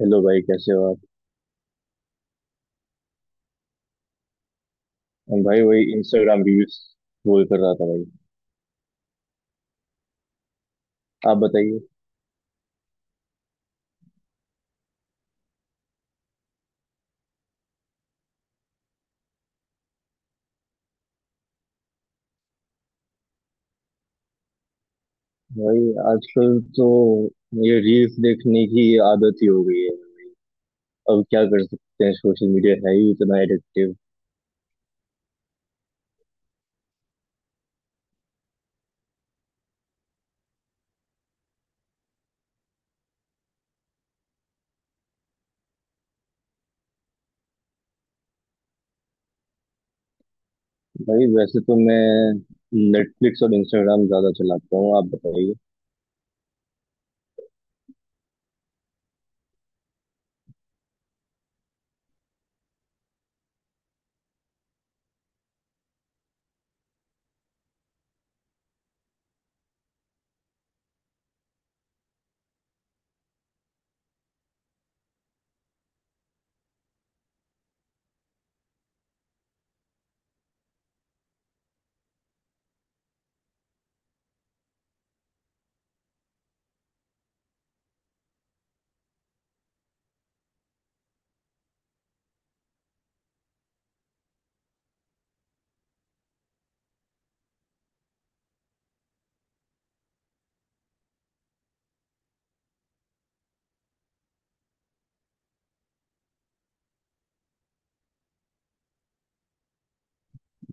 Hello भाई कैसे हो आप। हम भाई वही इंस्टाग्राम रील्स रोल कर रहा था भाई। आप बताइए। भाई आजकल तो ये रील्स देखने की आदत ही हो गई है। अब क्या कर सकते हैं, सोशल मीडिया है ही इतना एडिक्टिव। भाई वैसे तो मैं नेटफ्लिक्स और इंस्टाग्राम ज्यादा चलाता हूँ। आप बताइए।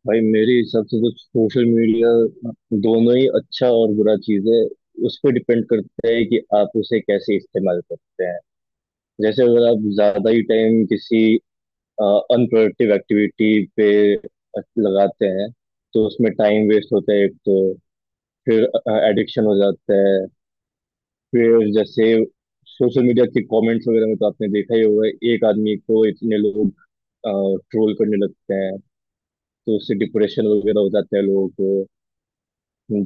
भाई मेरे हिसाब से तो सोशल मीडिया दोनों ही अच्छा और बुरा चीज है। उस पर डिपेंड करता है कि आप उसे कैसे इस्तेमाल करते हैं। जैसे अगर आप ज्यादा ही टाइम किसी अनप्रोडक्टिव एक्टिविटी पे लगाते हैं तो उसमें टाइम वेस्ट होता है एक तो, फिर एडिक्शन हो जाता है। फिर जैसे सोशल मीडिया के कमेंट्स वगैरह में तो आपने देखा ही होगा, एक आदमी को इतने लोग ट्रोल करने लगते हैं तो उससे डिप्रेशन वगैरह हो जाता है लोगों को,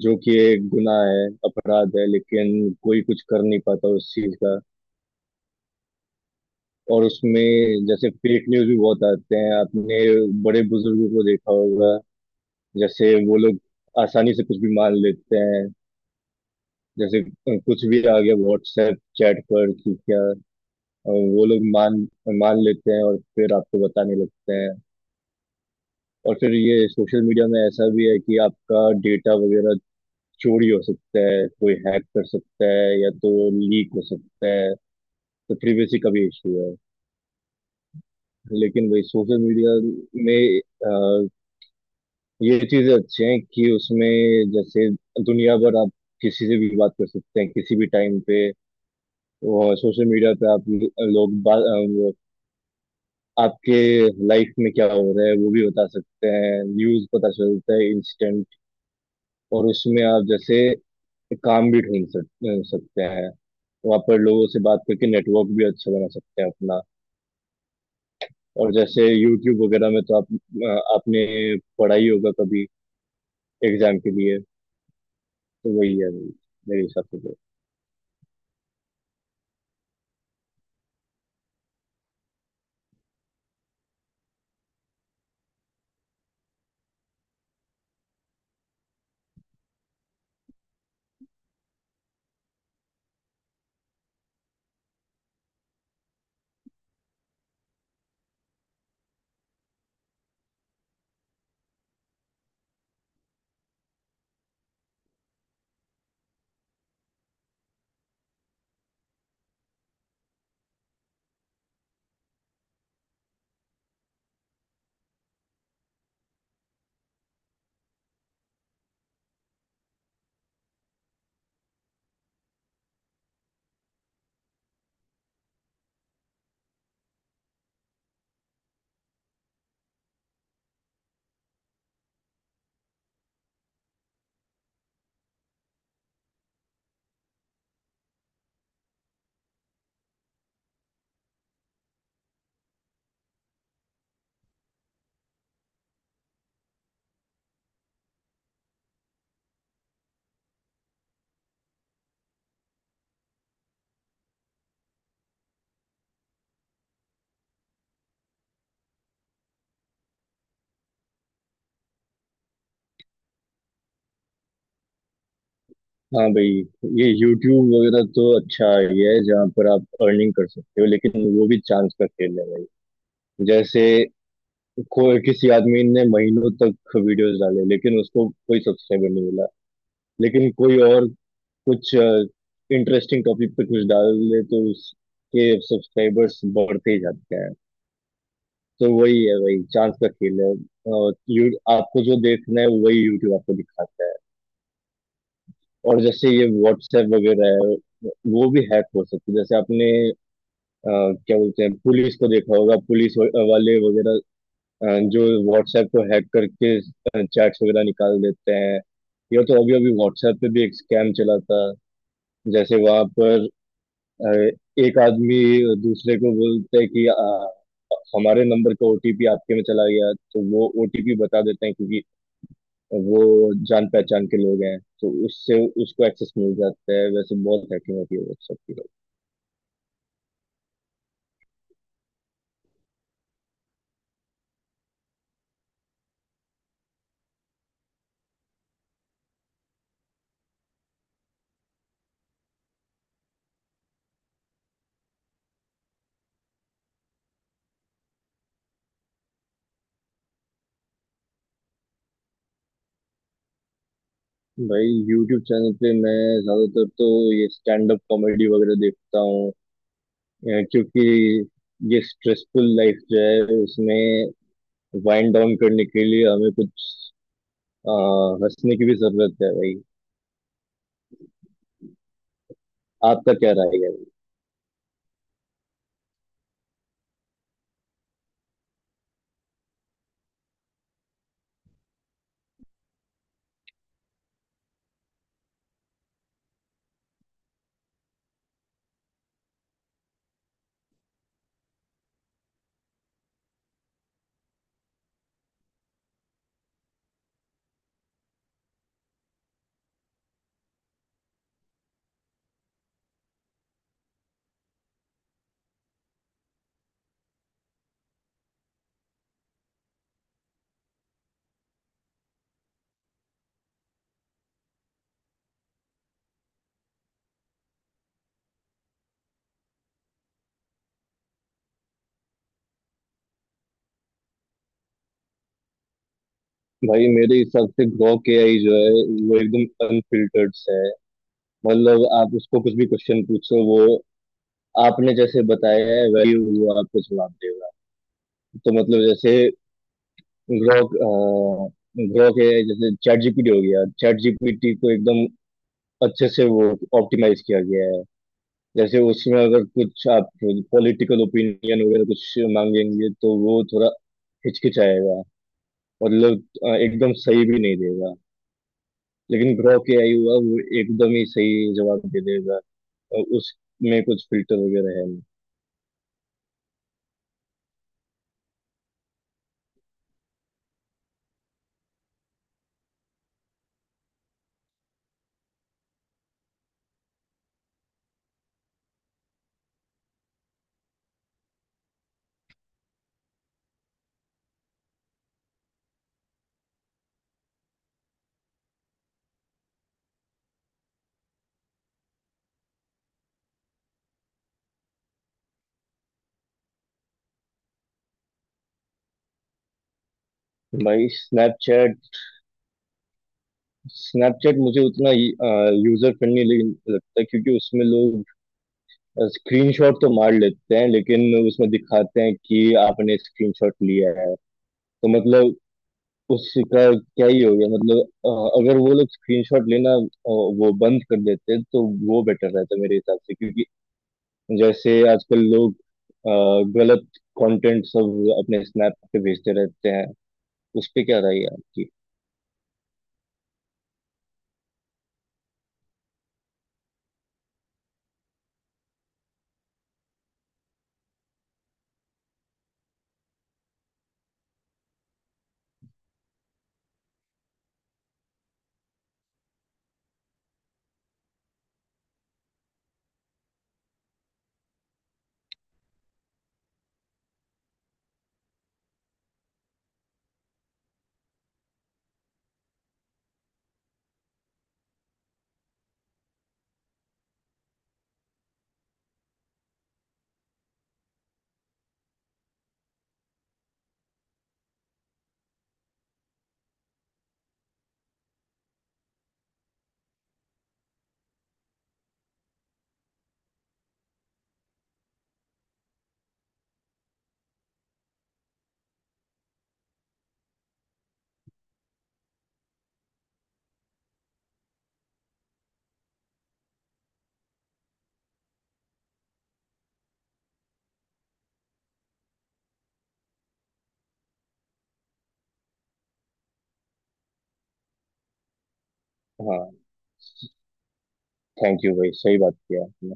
जो कि एक गुनाह है, अपराध है, लेकिन कोई कुछ कर नहीं पाता उस चीज का। और उसमें जैसे फेक न्यूज भी बहुत आते हैं। आपने बड़े बुजुर्गों को देखा होगा, जैसे वो लोग आसानी से कुछ भी मान लेते हैं। जैसे कुछ भी आ गया व्हाट्सएप चैट पर कि क्या, वो लोग मान मान लेते हैं और फिर आपको बताने लगते हैं। और फिर ये सोशल मीडिया में ऐसा भी है कि आपका डेटा वगैरह चोरी हो सकता है, कोई हैक कर सकता है या तो लीक हो सकता है, तो प्रिवेसी का भी इशू है। लेकिन वही सोशल मीडिया में ये चीजें अच्छी हैं कि उसमें जैसे दुनिया भर आप किसी से भी बात कर सकते हैं किसी भी टाइम पे। और सोशल मीडिया पे आप लोग बात, वो आपके लाइफ में क्या हो रहा है वो भी बता सकते हैं, न्यूज पता चलता है इंस्टेंट। और उसमें आप जैसे काम भी ढूंढ सक, अ, सकते हैं, वहाँ पर लोगों से बात करके नेटवर्क भी अच्छा बना सकते हैं अपना। और जैसे यूट्यूब वगैरह में तो आप आपने पढ़ा ही होगा कभी एग्जाम के लिए। तो वही है मेरे हिसाब से तो। हाँ भाई, ये YouTube वगैरह तो अच्छा आइडिया है जहाँ पर आप अर्निंग कर सकते हो, लेकिन वो भी चांस का खेल है भाई। जैसे कोई, किसी आदमी ने महीनों तक वीडियोस डाले लेकिन उसको कोई सब्सक्राइबर नहीं मिला, लेकिन कोई और कुछ इंटरेस्टिंग टॉपिक पे कुछ डाल दे तो उसके सब्सक्राइबर्स बढ़ते ही जाते हैं। तो वही है भाई, चांस का खेल है। और यू आपको जो देखना है वही YouTube आपको दिखाता है। और जैसे ये WhatsApp वगैरह है, वो भी हैक हो सकती है। जैसे आपने अ, क्या बोलते हैं, पुलिस को देखा होगा, वाले वगैरह, अ, जो व्हाट्सएप को हैक करके चैट्स वगैरह निकाल देते हैं। ये तो अभी अभी व्हाट्सएप पे भी एक स्कैम चला था, जैसे वहां पर अ, एक आदमी दूसरे को बोलता है कि हमारे नंबर का OTP आपके में चला गया, तो वो OTP बता देते हैं क्योंकि वो जान पहचान के लोग हैं, तो उससे उसको एक्सेस मिल जाता है। वैसे बहुत हैकिंग होती है व्हाट्सएप की। भाई यूट्यूब चैनल पे मैं ज्यादातर तो ये स्टैंड अप कॉमेडी वगैरह देखता हूँ क्योंकि ये स्ट्रेसफुल लाइफ जो है उसमें वाइंड डाउन करने के लिए हमें कुछ अ, हंसने की भी जरूरत है भाई। आपका क्या राय है। भाई मेरे हिसाब से ग्रॉक के आई जो है वो एकदम अनफिल्टर्ड है। मतलब आप उसको कुछ भी क्वेश्चन पूछो, वो आपने जैसे बताया है वही वो आपको जवाब देगा। तो मतलब जैसे ग्रोक ग्रोक है, जैसे चैट जीपीटी हो गया, चैट जीपीटी को एकदम अच्छे से वो ऑप्टिमाइज किया गया है। जैसे उसमें अगर कुछ आप पॉलिटिकल ओपिनियन वगैरह कुछ मांगेंगे तो वो थोड़ा हिचकिचाएगा, मतलब एकदम सही भी नहीं देगा। लेकिन ग्रोक AI हुआ वो एकदम ही सही जवाब दे देगा, उसमें कुछ फिल्टर वगैरह है नहीं। भाई स्नैपचैट, मुझे उतना यूजर फ्रेंडली लगता है क्योंकि उसमें लोग स्क्रीनशॉट तो मार लेते हैं लेकिन उसमें दिखाते हैं कि आपने स्क्रीनशॉट लिया है। तो मतलब उसका क्या ही हो गया, मतलब अगर वो लोग स्क्रीनशॉट लेना वो बंद कर देते तो वो बेटर रहता मेरे हिसाब से। क्योंकि जैसे आजकल लोग अ, गलत कंटेंट सब अपने स्नैप पे भेजते रहते हैं। उस पे क्या राय है आपकी। हाँ, थैंक यू भाई, सही बात किया आपने।